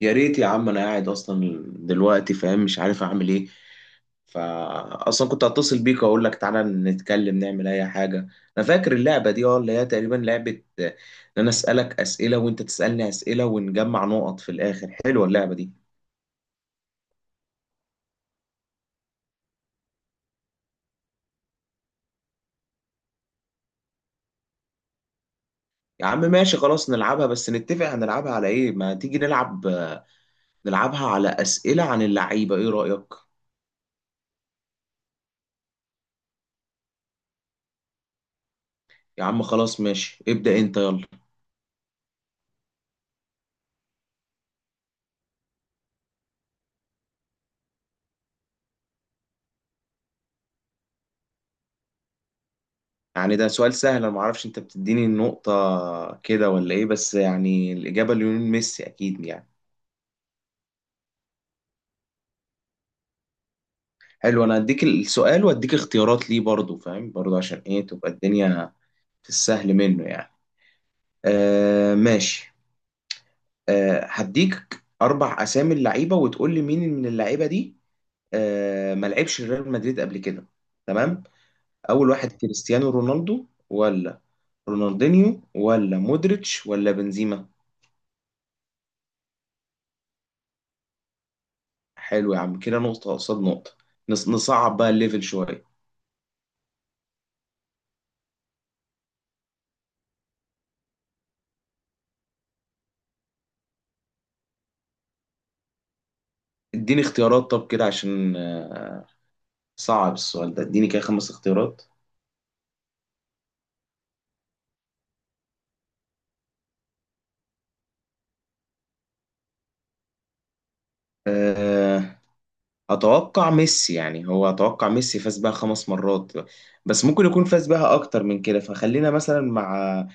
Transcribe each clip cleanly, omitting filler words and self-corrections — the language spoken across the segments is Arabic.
يا ريت يا عم، انا قاعد اصلا دلوقتي فاهم، مش عارف اعمل ايه. فاصلا كنت هتصل بيك واقول لك تعالى نتكلم نعمل اي حاجه. انا فاكر اللعبه دي، اللي هي تقريبا لعبه، آه، ان انا اسالك اسئله وانت تسالني اسئله ونجمع نقط في الاخر. حلوه اللعبه دي. يا عم ماشي خلاص نلعبها، بس نتفق هنلعبها على ايه. ما تيجي نلعب، نلعبها على اسئله عن اللعيبه، ايه رايك؟ يا عم خلاص ماشي، ابدا انت، يلا. يعني ده سؤال سهل، انا ما اعرفش انت بتديني النقطة كده ولا ايه، بس يعني الإجابة ليونيل ميسي اكيد يعني. حلو، انا هديك السؤال واديك اختيارات ليه برضو، فاهم، برضو عشان ايه تبقى الدنيا في السهل منه يعني. آه ماشي. هديك اربع اسامي اللعيبة وتقول لي مين من اللعيبة دي ما لعبش ريال مدريد قبل كده، تمام. اول واحد كريستيانو رونالدو ولا رونالدينيو ولا مودريتش ولا بنزيما؟ حلو يا عم، كده نقطة قصاد نقطة. نصعب بقى الليفل شوية. اديني اختيارات، طب كده عشان صعب السؤال ده، اديني كده خمس اختيارات. آه، اتوقع ميسي، يعني هو اتوقع ميسي فاز بها خمس مرات، بس ممكن يكون فاز بها اكتر من كده، فخلينا مثلا مع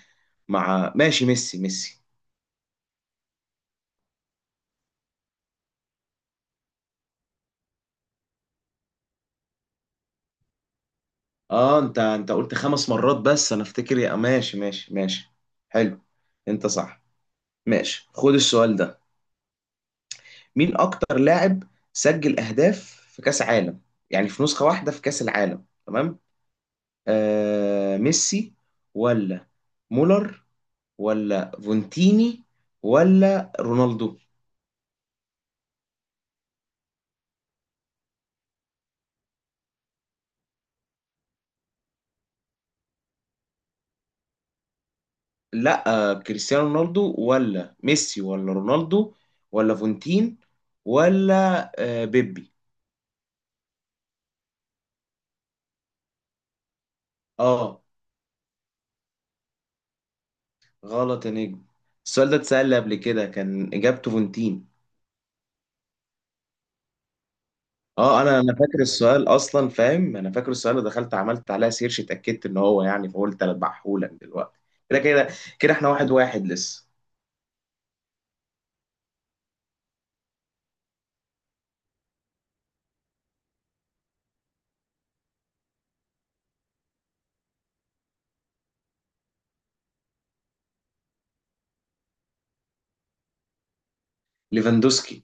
ماشي، ميسي ميسي. اه، انت قلت خمس مرات، بس انا افتكر، يا ماشي ماشي ماشي. حلو، انت صح. ماشي خد السؤال ده. مين اكتر لاعب سجل اهداف في كاس عالم، يعني في نسخة واحدة في كاس العالم، تمام؟ ميسي ولا مولر ولا فونتيني ولا رونالدو؟ لا، كريستيانو رونالدو ولا ميسي ولا رونالدو ولا فونتين ولا بيبي. اه، غلط يا نجم. السؤال ده اتسأل قبل كده، كان اجابته فونتين. اه، انا فاكر السؤال اصلا، فاهم، انا فاكر السؤال ودخلت عملت عليها سيرش، اتاكدت ان هو يعني، فقلت اذبحهولك دلوقتي كده كده. كده احنا واحد واحد لسه. ليفاندوسكي.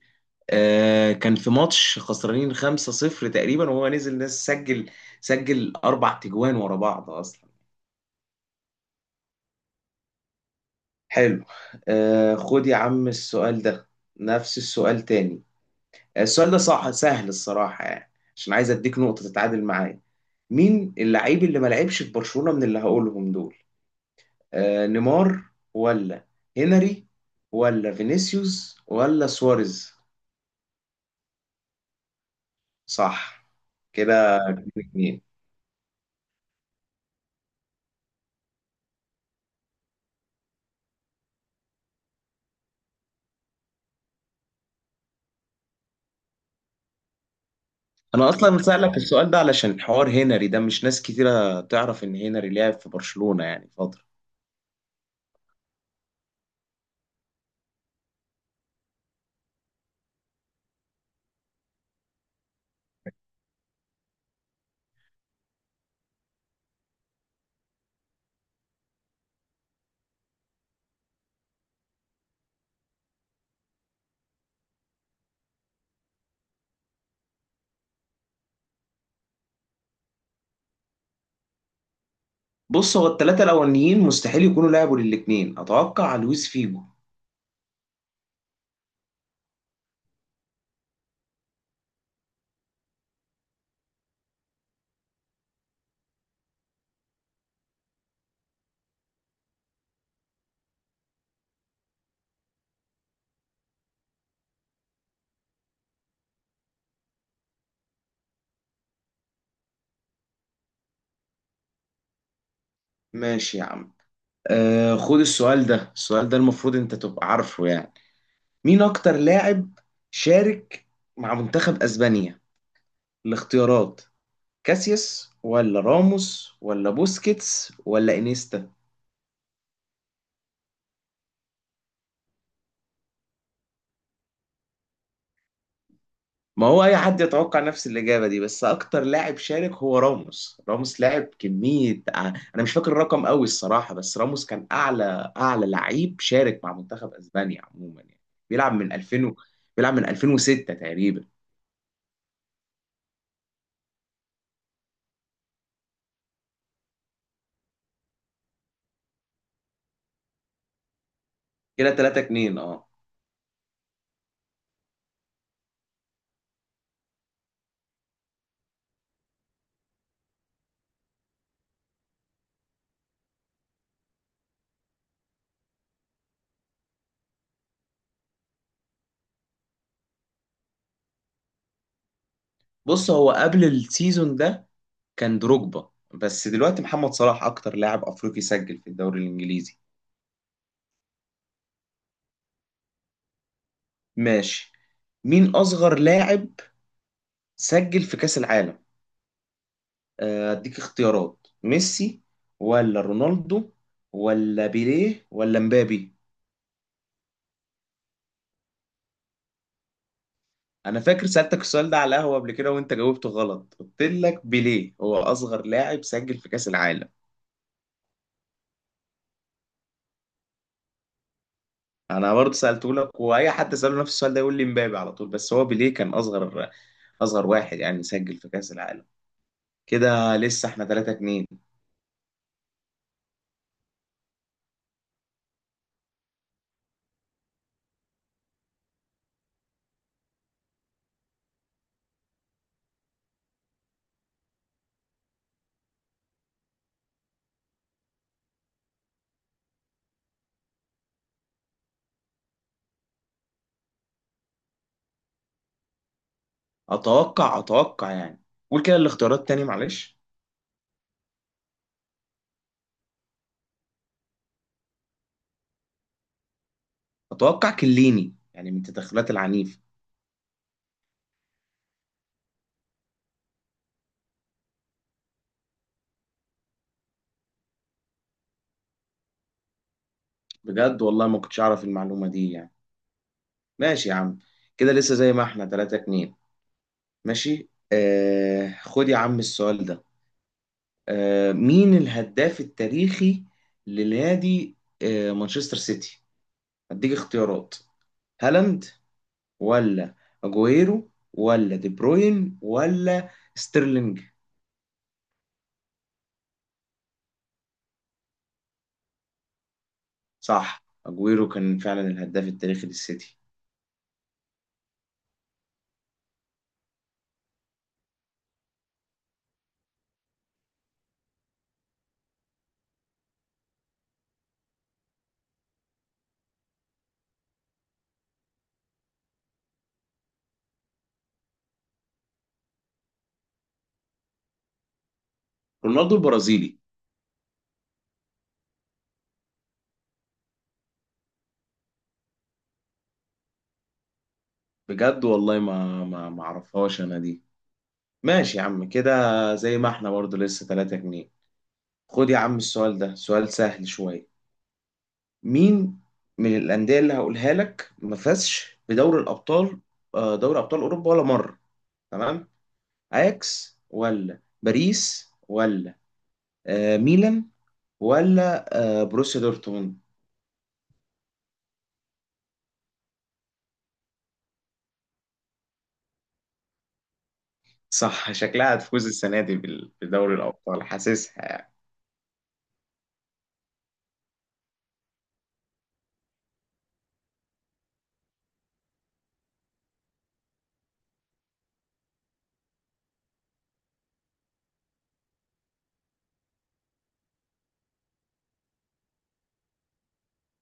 كان في ماتش خسرانين 5-0 تقريبا، وهو نزل ناس، سجل اربع تجوان ورا بعض اصلا. حلو. خد يا عم السؤال ده، نفس السؤال تاني. السؤال ده صح سهل الصراحة يعني، عشان عايز اديك نقطة تتعادل معايا. مين اللعيب اللي ما لعبش في برشلونة من اللي هقولهم دول؟ نيمار ولا هنري ولا فينيسيوس ولا سواريز؟ صح، كده اتنين. انا اصلا سألك السؤال ده علشان حوار هنري ده، مش ناس كتيرة تعرف ان هنري لعب في برشلونة يعني فترة. بص، هو الثلاثة الاولانيين مستحيل يكونوا لعبوا للاتنين، اتوقع لويس فيجو. ماشي يا عم. خد السؤال ده، السؤال ده المفروض انت تبقى عارفه يعني. مين اكتر لاعب شارك مع منتخب اسبانيا؟ الاختيارات كاسياس ولا راموس ولا بوسكيتس ولا انيستا؟ ما هو اي حد يتوقع نفس الاجابه دي، بس اكتر لاعب شارك هو راموس. راموس لاعب كميه، انا مش فاكر الرقم قوي الصراحه، بس راموس كان اعلى لعيب شارك مع منتخب اسبانيا عموما يعني. بيلعب من 2000 و... بيلعب من 2006 تقريبا. كده 3 2، اه. بص، هو قبل السيزون ده كان دروجبا، بس دلوقتي محمد صلاح اكتر لاعب افريقي سجل في الدوري الانجليزي. ماشي. مين اصغر لاعب سجل في كأس العالم؟ اديك اختيارات، ميسي ولا رونالدو ولا بيليه ولا مبابي؟ انا فاكر سألتك السؤال ده على القهوة قبل كده، وانت جاوبته غلط، قلت لك بيليه هو اصغر لاعب سجل في كأس العالم. انا برضه سألته لك، واي حد سأله نفس السؤال ده يقول لي مبابي على طول، بس هو بيليه كان اصغر، اصغر واحد يعني سجل في كأس العالم. كده لسه احنا 3 2. اتوقع يعني، قول كده الاختيارات تاني، معلش. اتوقع كليني، يعني من تدخلات العنيف. بجد والله، ما كنتش اعرف المعلومة دي يعني. ماشي يا عم، كده لسه زي ما احنا 3 2. ماشي، خد يا عم السؤال ده. مين الهداف التاريخي لنادي مانشستر سيتي؟ هديك اختيارات، هالاند ولا اجويرو ولا دي بروين ولا ستيرلينج؟ صح، اجويرو كان فعلا الهداف التاريخي للسيتي. رونالدو البرازيلي. بجد والله ما اعرفهاش انا دي. ماشي يا عم، كده زي ما احنا برضه لسه 3 جنيه. خد يا عم السؤال ده، سؤال سهل شوية. مين من الأندية اللي هقولها لك ما فازش بدوري الأبطال، دوري أبطال أوروبا ولا مرة، تمام؟ أياكس ولا باريس ولا ميلان ولا بروسيا دورتموند؟ صح، شكلها هتفوز السنة دي بدوري الأبطال، حاسسها يعني.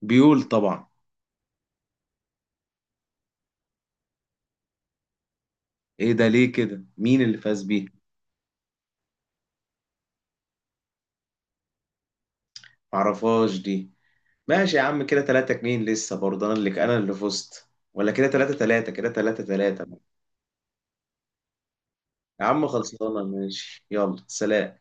بيقول طبعا. إيه ده؟ ليه كده؟ مين اللي فاز بيه؟ معرفهاش دي. ماشي يا عم، كده 3 2 لسه برضه، انا اللي فزت، ولا كده 3 3؟ كده 3 3. يا عم خلصانه ماشي، يلا سلام.